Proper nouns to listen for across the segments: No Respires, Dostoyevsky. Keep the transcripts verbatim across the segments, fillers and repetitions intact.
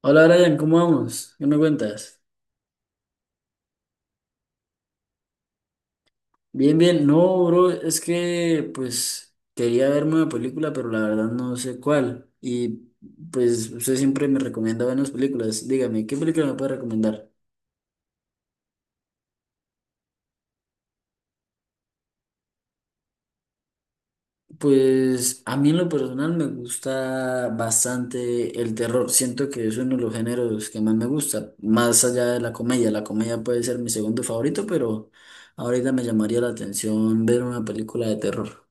Hola Brian, ¿cómo vamos? ¿Qué me cuentas? Bien, bien. No, bro, es que pues quería verme una película, pero la verdad no sé cuál. Y pues usted siempre me recomienda buenas películas. Dígame, ¿qué película me puede recomendar? Pues a mí en lo personal me gusta bastante el terror. Siento que es uno de los géneros que más me gusta, más allá de la comedia. La comedia puede ser mi segundo favorito, pero ahorita me llamaría la atención ver una película de terror.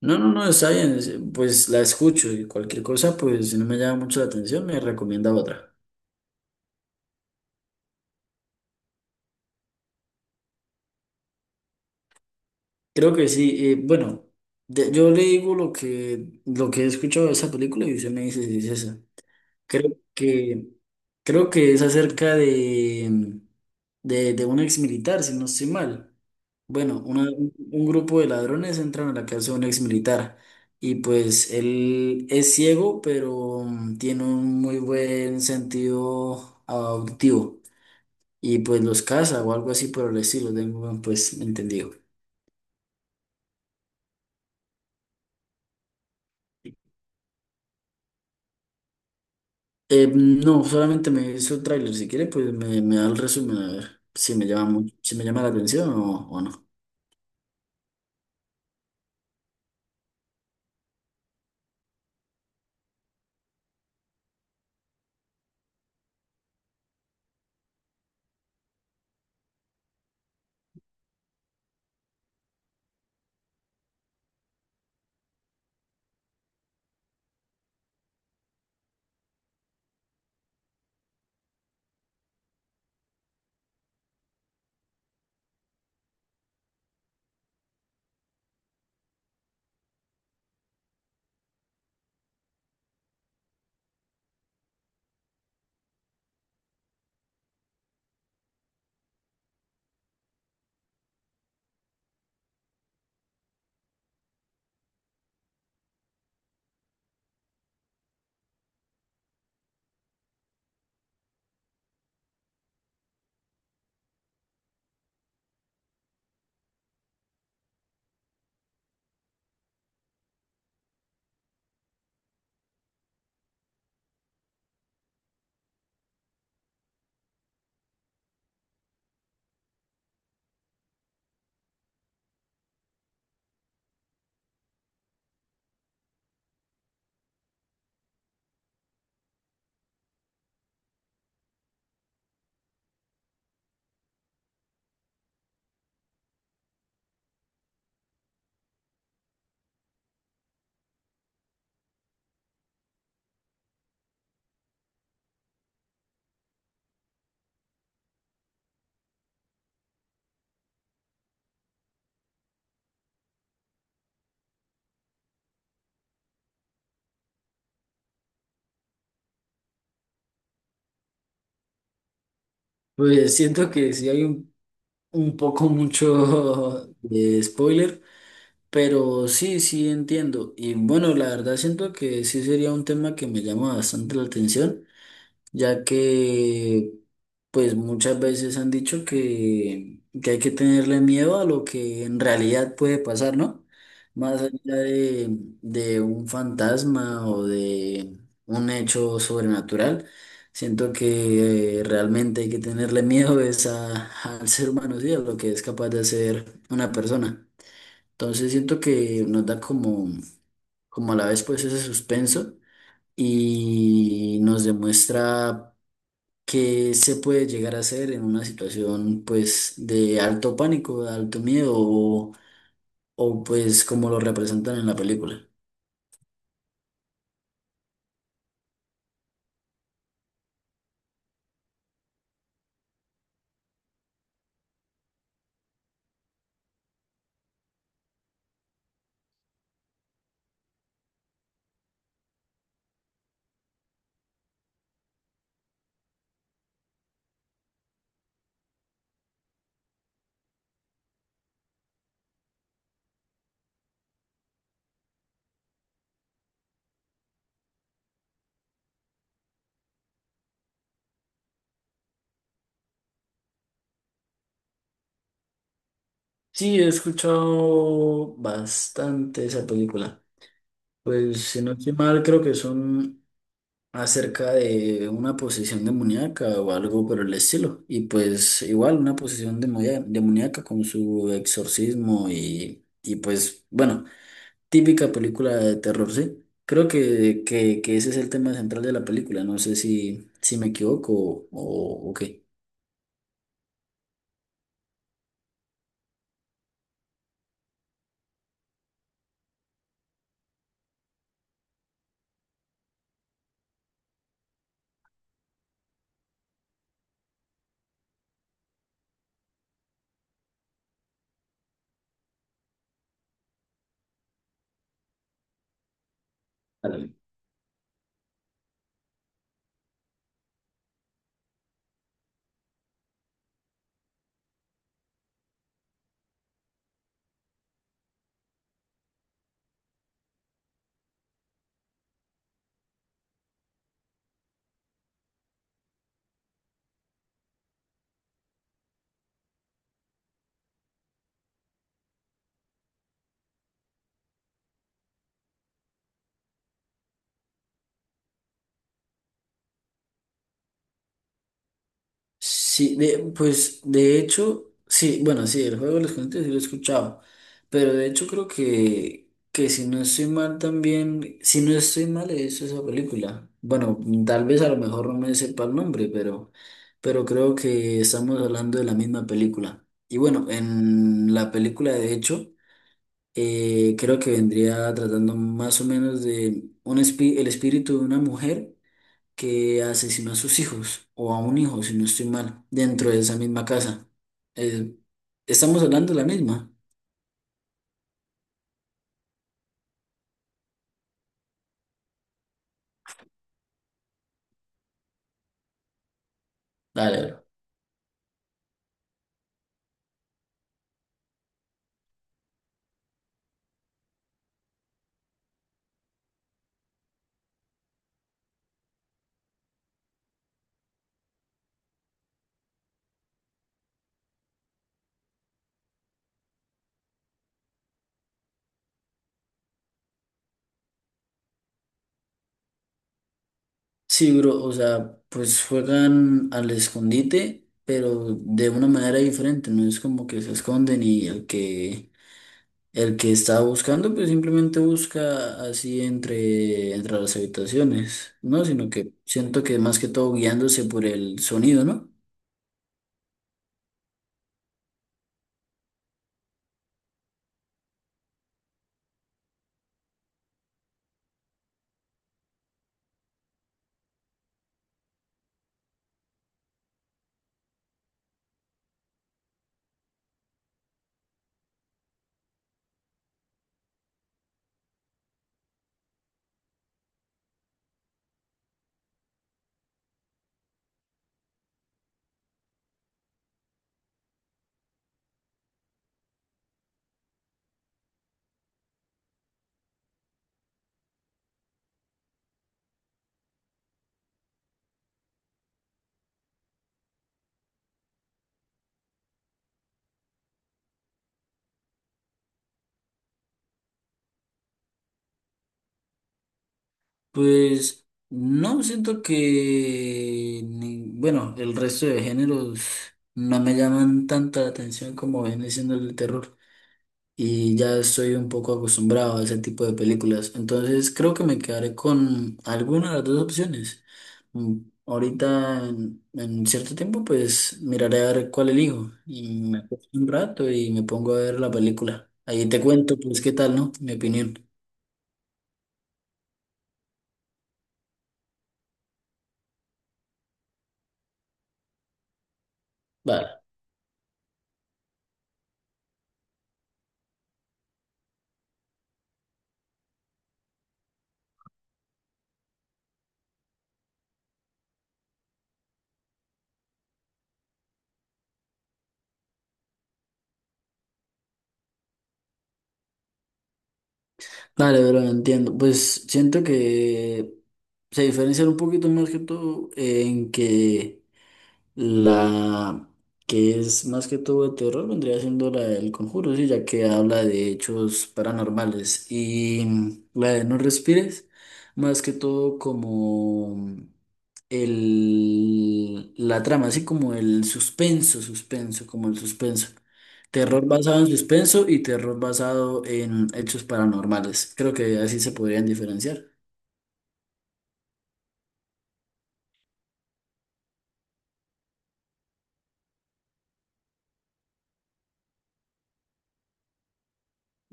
No, no, no, está bien, es- pues la escucho y cualquier cosa, pues si no me llama mucho la atención, me recomienda otra. Creo que sí, eh, bueno, de- yo le digo lo que, lo que he escuchado de esa película y usted me dice si es esa. Creo que, creo que es acerca de, de, de un ex militar, si no estoy mal. Bueno, una- un grupo de ladrones entran a la casa de un ex militar y pues él es ciego, pero mm, tiene un muy buen sentido auditivo y pues los caza o algo así por el estilo, tengo pues entendido. Eh, no, solamente me hizo el tráiler, si quiere pues me, me da el resumen a ver si me llama, mu- si me llama la atención o o no. Pues siento que sí hay un, un poco mucho de spoiler, pero sí, sí entiendo. Y bueno, la verdad siento que sí sería un tema que me llama bastante la atención ya que pues muchas veces han dicho que, que hay que tenerle miedo a lo que en realidad puede pasar, ¿no? Más allá de, de un fantasma o de un hecho sobrenatural, siento que eh, realmente hay que tenerle miedo es a- al ser humano, sí, a lo que es capaz de hacer una persona. Entonces siento que nos da como, como a la vez pues ese suspenso y nos demuestra que se puede llegar a hacer en una situación pues de alto pánico, de alto miedo o, o, pues como lo representan en la película. Sí, he escuchado bastante esa película. Pues si no estoy mal, creo que son acerca de una posesión demoníaca o algo por el estilo. Y pues igual una posesión demonia- demoníaca con su exorcismo y, y pues bueno. Típica película de terror, sí. Creo que, que, que ese es el tema central de la película. No sé si, si me equivoco o, o qué. Ándale. Sí, de- pues de hecho, sí, bueno, sí, el juego de los Gigantes sí lo he escuchado. Pero de hecho creo que, que si no estoy mal también, si no estoy mal es esa película. Bueno, tal vez a lo mejor no me sepa el nombre, pero, pero creo que estamos hablando de la misma película. Y bueno, en la película de hecho. Eh, creo que vendría tratando más o menos de un espi- el espíritu de una mujer que asesinó a sus hijos o a un hijo, si no estoy mal, dentro de esa misma casa. Eh, estamos hablando de la misma. Dale, bro. Sí, bro, o sea, pues juegan al escondite, pero de una manera diferente, no es como que se esconden y el que el que está buscando, pues simplemente busca así entre, entre las habitaciones, ¿no? Sino que siento que más que todo guiándose por el sonido, ¿no? Pues no, siento que, ni- bueno, el resto de géneros no me llaman tanta la atención como viene siendo el de terror. Y ya estoy un poco acostumbrado a ese tipo de películas. Entonces creo que me quedaré con alguna de las dos opciones. Mm, Ahorita en, en cierto tiempo pues miraré a ver cuál elijo y me acuesto un rato y me pongo a ver la película. Ahí te cuento pues qué tal, ¿no? Mi opinión. Vale. Vale, pero entiendo. Pues siento que se diferencian un poquito más que todo en que la que es más que todo de terror vendría siendo la del Conjuro, sí, ya que habla de hechos paranormales. Y la de No Respires, más que todo como el, la trama, así como el suspenso, suspenso, como el suspenso. Terror basado en suspenso y terror basado en hechos paranormales. Creo que así se podrían diferenciar.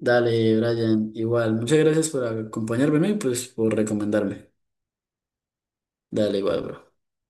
Dale, Brian, igual. Muchas gracias por acompañarme, ¿no?, y pues por recomendarme. Dale, igual, bro.